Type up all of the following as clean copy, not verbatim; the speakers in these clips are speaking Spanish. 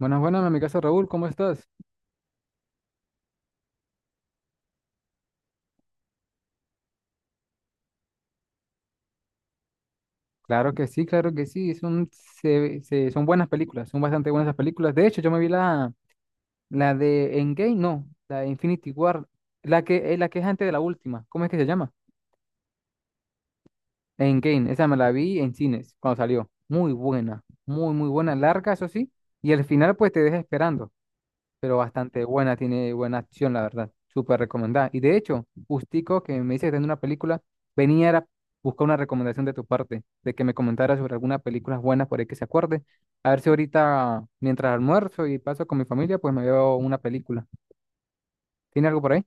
Buenas, buenas, en mi casa Raúl, ¿cómo estás? Claro que sí, son buenas películas, son bastante buenas esas películas. De hecho, yo me vi la de Endgame, no, la de Infinity War, la que es antes de la última, ¿cómo es que se llama? Endgame, esa me la vi en cines cuando salió. Muy buena, muy, muy buena, larga, eso sí, y al final pues te deja esperando, pero bastante buena, tiene buena acción, la verdad. Súper recomendada. Y de hecho, justico que me dice que está en una película, venía a buscar una recomendación de tu parte, de que me comentara sobre alguna película buena por ahí que se acuerde. A ver si ahorita, mientras almuerzo y paso con mi familia, pues me veo una película. ¿Tiene algo por ahí?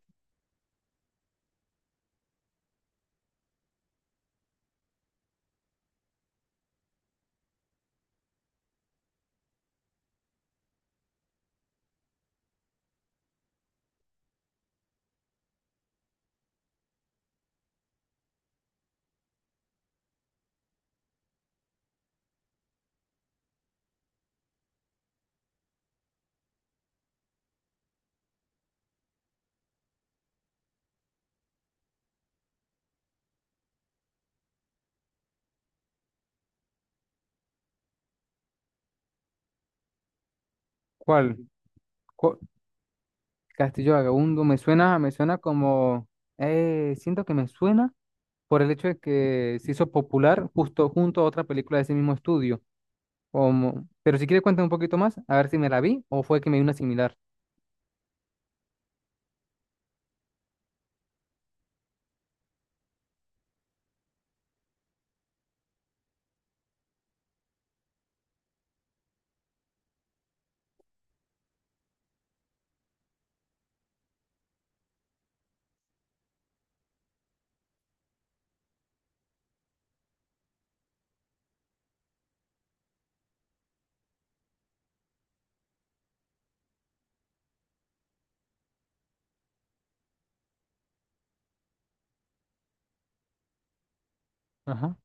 ¿Cuál? ¿Cu- Castillo Vagabundo, me suena como, siento que me suena por el hecho de que se hizo popular justo junto a otra película de ese mismo estudio. Como... Pero si quieres cuéntame un poquito más, a ver si me la vi o fue que me vi una similar. Ajá.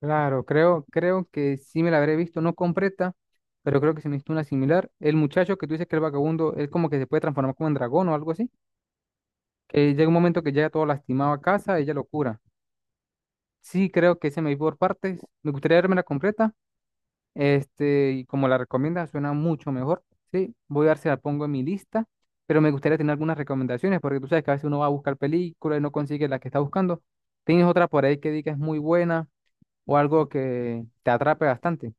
Claro, creo, creo que sí me la habré visto, no completa, pero creo que se me hizo una similar. El muchacho que tú dices que el vagabundo, él como que se puede transformar como en dragón o algo así, que llega un momento que llega todo lastimado a casa, ella lo cura. Sí, creo que se me vi por partes. Me gustaría verme la completa. Este, y como la recomienda, suena mucho mejor. Sí, voy a ver si la pongo en mi lista, pero me gustaría tener algunas recomendaciones, porque tú sabes que a veces uno va a buscar películas y no consigue la que está buscando. ¿Tienes otra por ahí que digas muy buena o algo que te atrape bastante?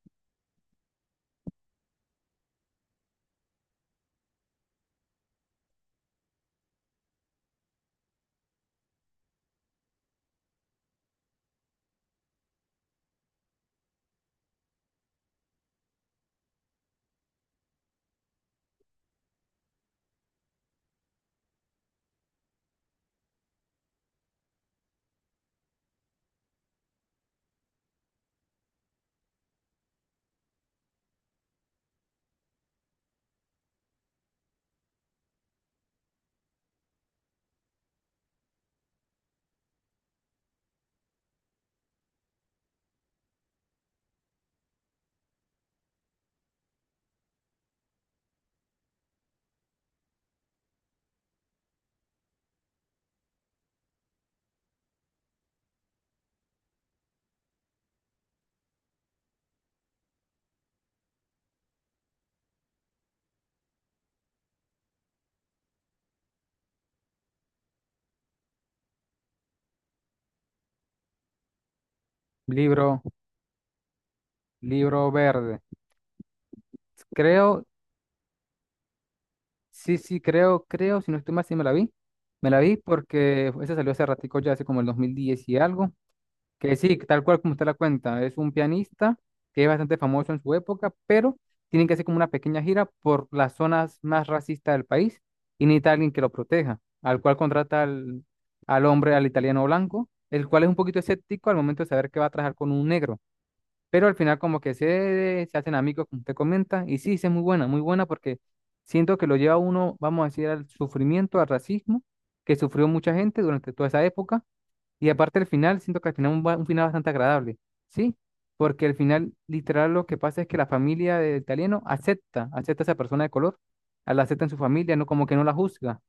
Libro, libro verde. Creo, sí, sí, creo, creo, si no estoy mal, sí me la vi. Me la vi porque esa salió hace ratico, ya hace como el 2010 y algo. Que sí, tal cual como usted la cuenta, es un pianista que es bastante famoso en su época, pero tienen que hacer como una pequeña gira por las zonas más racistas del país y necesita alguien que lo proteja, al cual contrata al hombre, al italiano blanco, el cual es un poquito escéptico al momento de saber que va a trabajar con un negro, pero al final como que se hacen amigos, como usted comenta, y sí, sí es muy buena porque siento que lo lleva a uno, vamos a decir, al sufrimiento, al racismo que sufrió mucha gente durante toda esa época. Y aparte el final, siento que al final un final bastante agradable, ¿sí? Porque al final, literal, lo que pasa es que la familia del italiano acepta, acepta a esa persona de color, a la acepta en su familia, no como que no la juzga.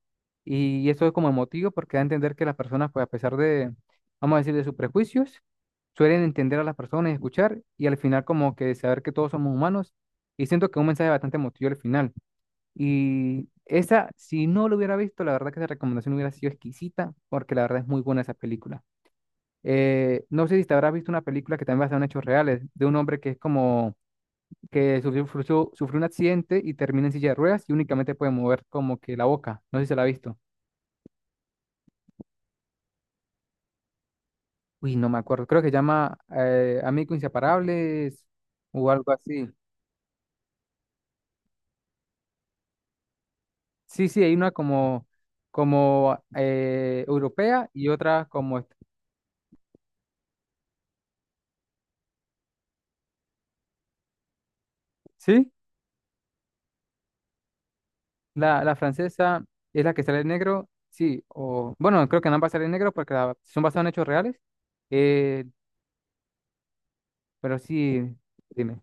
Y eso es como emotivo porque da a entender que las personas, pues a pesar de, vamos a decir, de sus prejuicios, suelen entender a las personas y escuchar y al final como que saber que todos somos humanos. Y siento que es un mensaje bastante emotivo al final. Y esa, si no lo hubiera visto, la verdad que esa recomendación hubiera sido exquisita porque la verdad es muy buena esa película. No sé si te habrás visto una película que también basa en hechos reales, de un hombre que es como que sufrió, sufrió un accidente y termina en silla de ruedas y únicamente puede mover como que la boca. No sé si se la ha visto. Uy, no me acuerdo. Creo que se llama Amigos Inseparables o algo así. Sí, sí, hay una como, como europea y otra como... ¿Sí? La francesa es la que sale en negro. Sí, o bueno, creo que en ambas sale en negro porque son basadas en hechos reales. Eh, Pero sí, dime.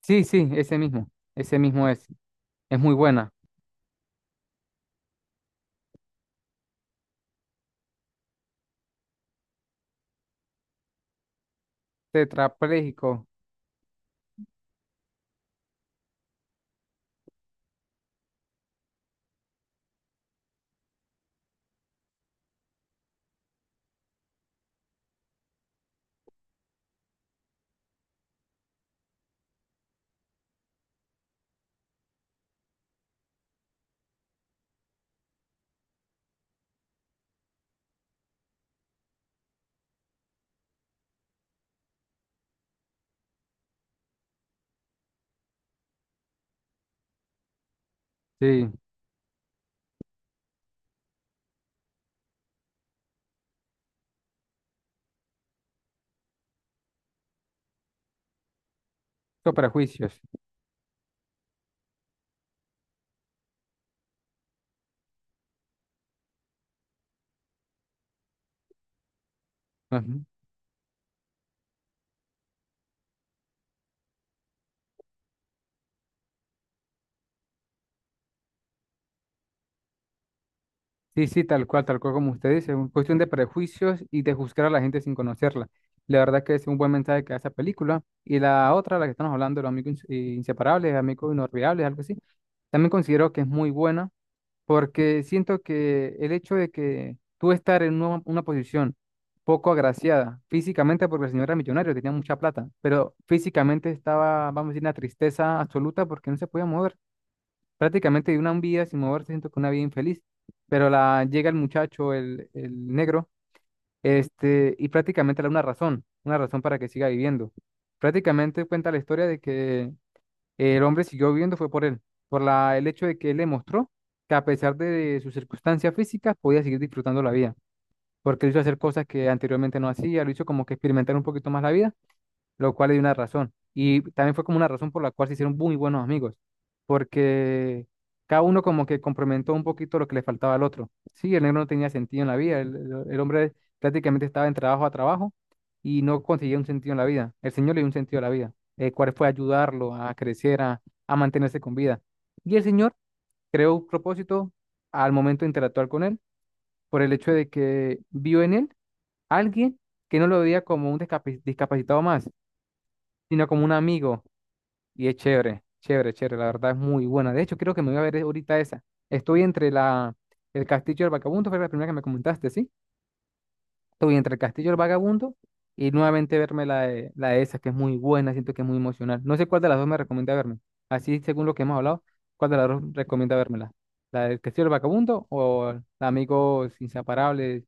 Sí, sí, ese mismo. Ese mismo es. Es muy buena. Tetrapléjico. Sí, son prejuicios. Ujú. Sí, sí, tal cual como usted dice. Es cuestión de prejuicios y de juzgar a la gente sin conocerla. La verdad que es un buen mensaje que da esa película. Y la otra, la que estamos hablando, los inseparables, amigos inolvidables, algo así. También considero que es muy buena porque siento que el hecho de que tú estar en una posición poco agraciada físicamente, porque el señor era millonario, tenía mucha plata, pero físicamente estaba, vamos a decir, una tristeza absoluta porque no se podía mover. Prácticamente de una vida sin moverse, siento que una vida infeliz. Pero llega el muchacho, el negro, este, y prácticamente le da una razón para que siga viviendo. Prácticamente cuenta la historia de que el hombre siguió viviendo fue por él, por el hecho de que él le mostró que a pesar de sus circunstancias físicas podía seguir disfrutando la vida, porque él hizo hacer cosas que anteriormente no hacía, lo hizo como que experimentar un poquito más la vida, lo cual le dio una razón. Y también fue como una razón por la cual se hicieron muy buenos amigos, porque cada uno como que complementó un poquito lo que le faltaba al otro. Sí, el negro no tenía sentido en la vida, el hombre prácticamente estaba en trabajo a trabajo y no conseguía un sentido en la vida. El Señor le dio un sentido a la vida, el cual fue ayudarlo a crecer, a mantenerse con vida. Y el Señor creó un propósito al momento de interactuar con él, por el hecho de que vio en él alguien que no lo veía como un discapacitado más, sino como un amigo. Y es chévere, chévere, chévere. La verdad es muy buena. De hecho, creo que me voy a ver ahorita esa. Estoy entre el Castillo del Vagabundo, fue la primera que me comentaste, ¿sí? Estoy entre el Castillo del Vagabundo y nuevamente verme la de esa, que es muy buena, siento que es muy emocional. No sé cuál de las dos me recomienda verme. Así, según lo que hemos hablado, ¿cuál de las dos recomienda vérmela? ¿La del Castillo del Vagabundo o la Amigos Inseparables?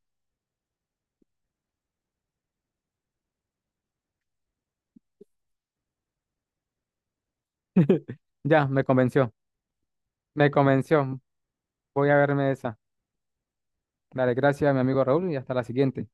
Ya, me convenció, me convenció. Voy a verme esa. Dale, gracias, mi amigo Raúl, y hasta la siguiente.